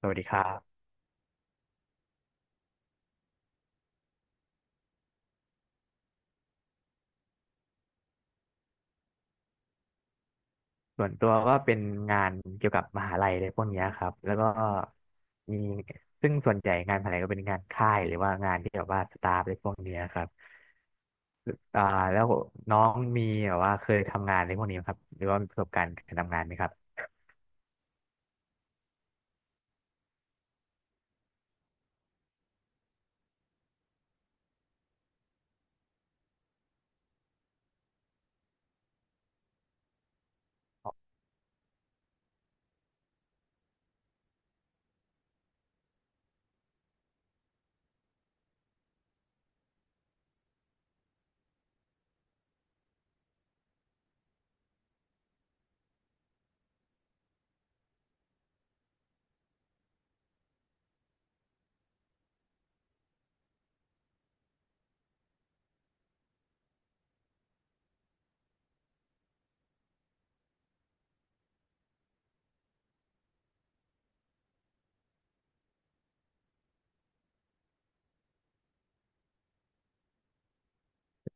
สวัสดีครับส่วนตัวก็เป็นงานเกี่ยวกับมหาลัยอะไรพวกเนี้ยครับแล้วก็มีซึ่งส่วนใหญ่งานมหาลัยก็เป็นงานค่ายหรือว่างานที่แบบว่าสตาฟอะไรพวกเนี้ยครับอ่าแล้วน้องมีแบบว่าเคยทำงานในพวกนี้ไหมครับหรือว่ามีประสบการณ์การทำงานไหมครับ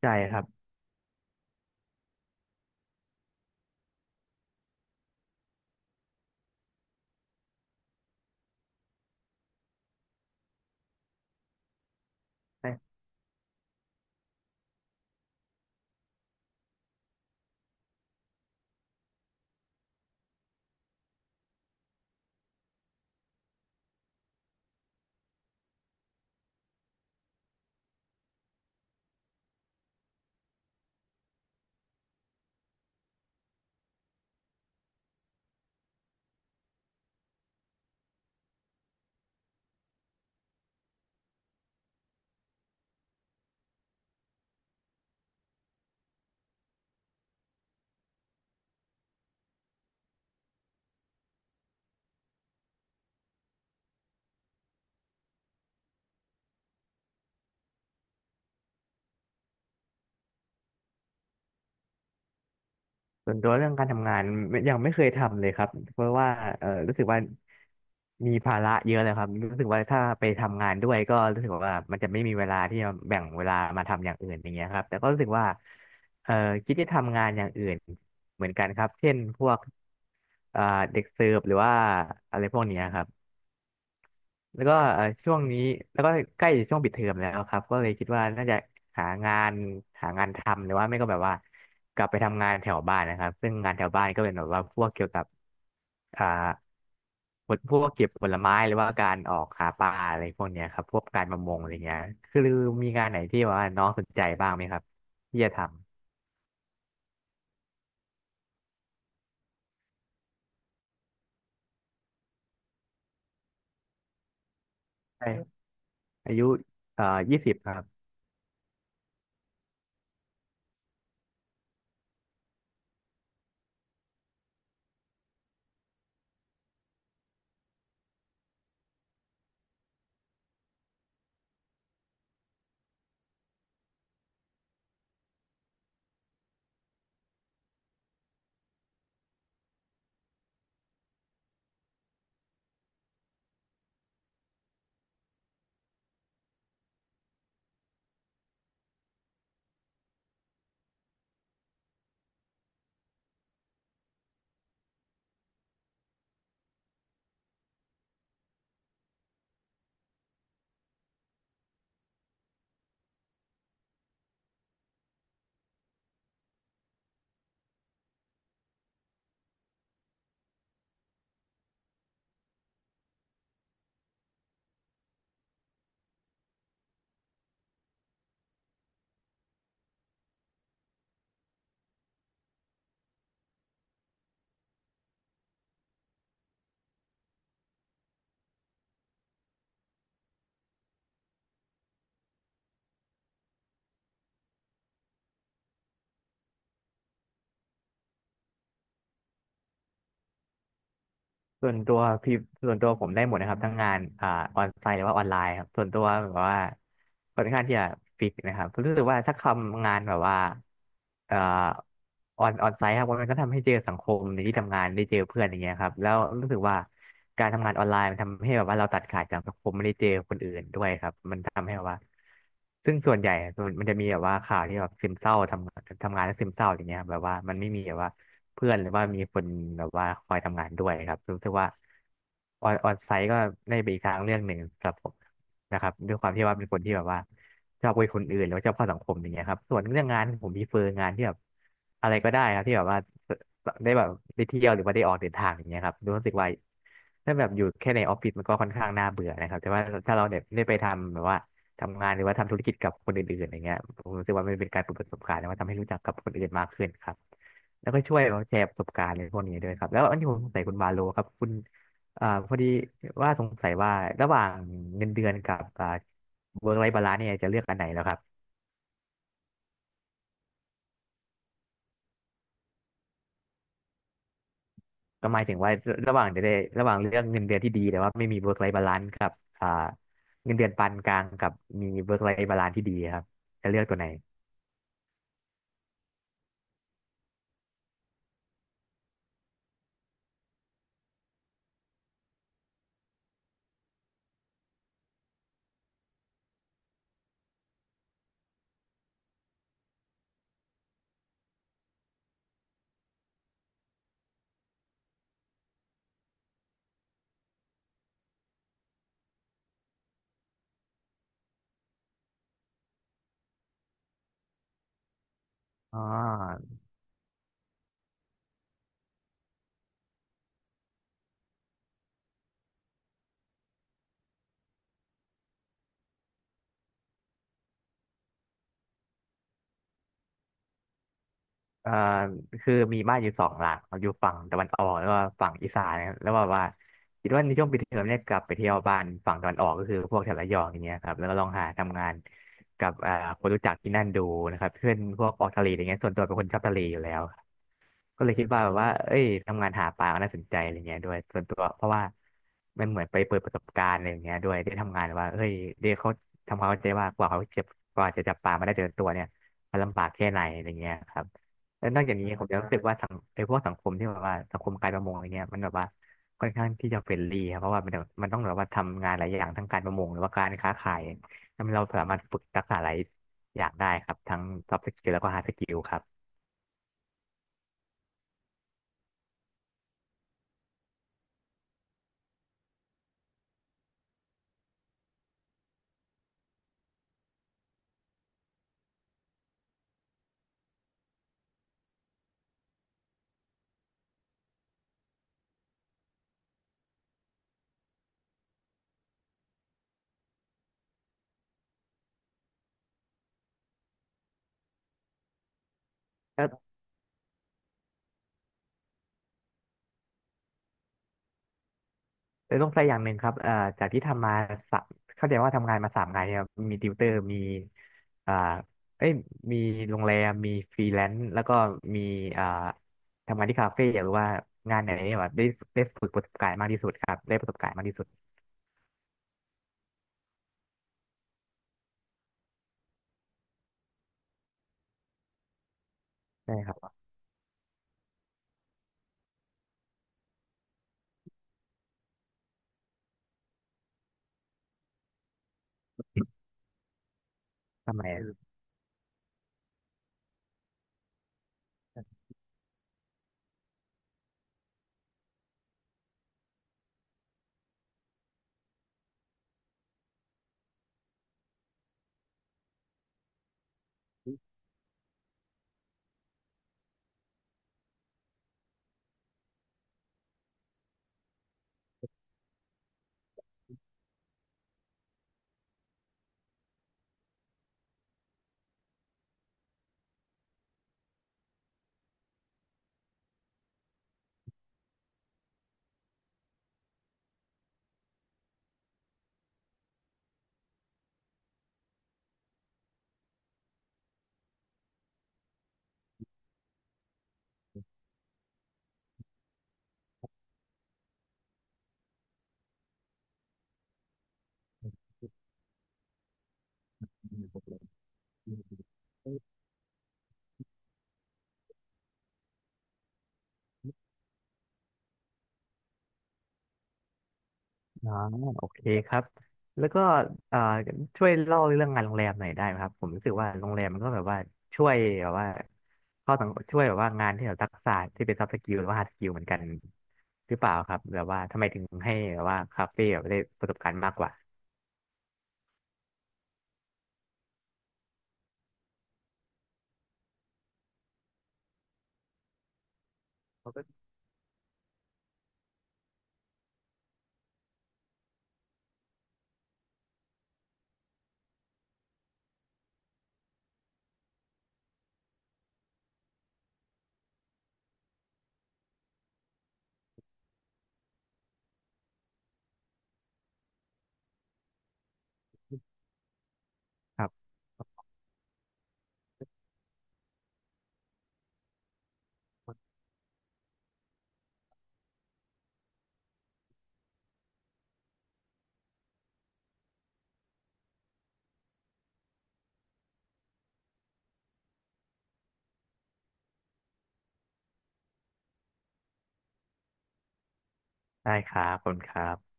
ใช่ครับ ส่วนตัวเรื่องการทำงานไม่ยังไม่เคยทำเลยครับเพราะว่ารู้สึกว่ามีภาระเยอะเลยครับรู้สึกว่าถ้าไปทำงานด้วยก็รู้สึกว่ามันจะไม่มีเวลาที่จะแบ่งเวลามาทำอย่างอื่นอย่างเงี้ยครับแต่ก็รู้สึกว่าเออคิดจะทำงานอย่างอื่นเหมือนกันครับเช่นพวกเอ่อเด็กเสิร์ฟหรือว่าอะไรพวกเนี้ยครับ แล้วก็ช่วงนี้แล้วก็ใกล้ช่วงปิดเทอมแล้วครับก็เลยคิดว่าน่าจะหางานหางานทำหรือว่าไม่ก็แบบว่ากลับไปทำงานแถวบ้านนะครับซึ่งงานแถวบ้านก็เป็นแบบว่าพวกเกี่ยวกับอ่าพวกเก็บผลไม้หรือว่าการออกหาปลาอะไรพวกเนี้ยครับพวกการประมงอะไรเงี้ยคือมีงานไหนที่แบบว่าน้องสนใจบ้างไหมครับที่จะทำใช่อายุเอ่อ20ครับ ส่วนตัวพี่ส่วนตัวผมได้หมดนะครับทั้งงานออนไซต์หรือว่าออนไลน์ครับส่วนตัวแบบว่าค่อนข้างที่จะฟิกนะครับรู้สึกว่าถ้าทำงานแบบว่าเอ่อออนไซต์ครับมันก็ทำให้เจอสังคมในที่ทำงานได้เจอเพื่อนอย่างเงี้ยครับแล้วรู้สึกว่าการทำงานออนไลน์มันทำให้แบบว่าเราตัดขาดจากสังคมไม่ได้เจอคนอื่นด้วยครับมันทำให้แบบว่าซึ่งส่วนใหญ่อะมันจะมีแบบว่าข่าวที่แบบซึมเศร้าทำงานแล้วซึมเศร้าอย่างเงี้ยครับแบบว่ามันไม่มีแบบว่า เพื่อนหรือว่ามีคนแบบว่าคอยทำงานด้วยครับรู้สึกว่าออนไซต์ก็ได้ไปอีกทางเรื่องหนึ่งสำหรับผมนะครับด้วยความที่ว่าเป็นคนที่แบบว่าชอบคุยคนอื่นหรือว่าชอบเข้าสังคมอย่างเงี้ยครับส่วนเรื่องงานผมมีเฟอร์งานที่แบบอะไรก็ได้ครับที่แบบว่าได้แบบได้เที่ยวหรือว่าได้ออกเดินทางอย่างเงี้ยครับรู้สึกว่าถ้าแบบอยู่แค่ในออฟฟิศมันก็ค่อนข้างน่าเบื่อนะครับแต่ว่าถ้าเราเนี่ยได้ไปทำแบบว่าทำงานหรือว่าทำธุรกิจกับคนอื่นๆอย่างเงี้ยผมรู้สึกว่ามันเป็นการเปิดประสบการณ์แล้วว่าทำให้รู้จักกับคนอื่นมากขึ้นครับ แล้วก็ช่วยแบบแชร์ประสบการณ์ในพวกนี้ด้วยครับแล้วอันที่ผมสงสัยคุณบาโลครับคุณพอดีว่าสงสัยว่าระหว่างเงินเดือนกับเวิร์กไลฟ์บาลานซ์เนี่ยจะเลือกอันไหนแล้วครับก็หมายถึงว่าระหว่างจะได้ระหว่างเรืองเงินเดือนที่ดีแต่ว่าไม่มีเวิร์กไลฟ์บาลานซ์กับอ่าเงินเดือนปานกลางกับมีเวิร์กไลฟ์บาลานซ์ที่ดีครับจะเลือกตัวไหนอ๋อ เอ่อคือมีบ้านอยู่2 หลังครัอยู่ฝั่งตะวันออกแล้วก็ฝั่งอีสานนะครับแล้วแบบว่าคิดว่าในช่วงปิดเทอมเนี่ยกลับไปเที่ยวบ้านฝั่งตะวันออกก็คือพวกแถบระยองอย่างเงี้ยครับแล้วก็ลองหาทำงานกับคนรู้จักที่นั่นดูนะครับเพื่อนพวกออกทะเลอย่างเงี้ยส่วนตัวเป็นคนชอบทะเลอยู่แล้ว ก็เลยคิดว่าแบบว่าเอ้ยทำงานหาปลามน่าสนใจอะไรเงี้ยด้วยส่วนตัวเพราะว่ามันเหมือนไปเปิดประสบการณ์อะไรอย่างเงี้ยด้วยได้ทำงานว่าเฮ้ยเด็กเขาทำความเข้าใจว่ากว่าเขาเจ็บกว่าจะจับปลามาได้แต่ละตัวเนี่ยมันลำบากแค่ไหนอะไรเงี้ยครับแล้วนอกจากนี้ผมยังรู้สึกว่าสังไอ้พวกสังคมที่แบบว่าสังคมการประมงอะไรเงี้ยมันแบบว่าค่อนข้างที่จะเฟรนลี่ครับเพราะว่ามันแบบมันต้องแบบว่าทำงานหลายอย่างทั้งการประมงหรือว่าการค้าขายทำให้เราสามารถฝึกทักษะหลายอย่างได้ครับทั้ง soft skill แล้วก็ hard skill ครับ เลยต้องใส่อย่างหนึ่งครับจากที่ทำมาสามเข้าใจว่าทำงานมา3 งานเนี่ยครับมีติวเตอร์ มีอ่าเอ้ยมีโรงแรมมีฟรีแลนซ์แล้วก็มีอ่าทำงานที่คาเฟ่หรือว่างานไหนเนี่ยแบบได้ได้ฝึกประสบการณ์มากที่สุดครับได้ประสบการณ์มากที่สุดใช่ครับทำไมอะ อ่าโอเคครับแล้วก็อ่าช่วยเล่าเรื่องงานโรงแรมหน่อยได้ไหมครับผมรู้สึกว่าโรงแรมมันก็แบบว่าช่วยแบบว่าเข้าสังช่วยแบบว่างานที่แบบทักษะที่เป็น soft skill หรือว่า hard skill เหมือนกันหรือเปล่าครับแบบว่าทำไมถึงให้แบบว่าคาเฟ่แบบได้ประสบการณ์มากกว่าครับได้ครับขอบคุณครับ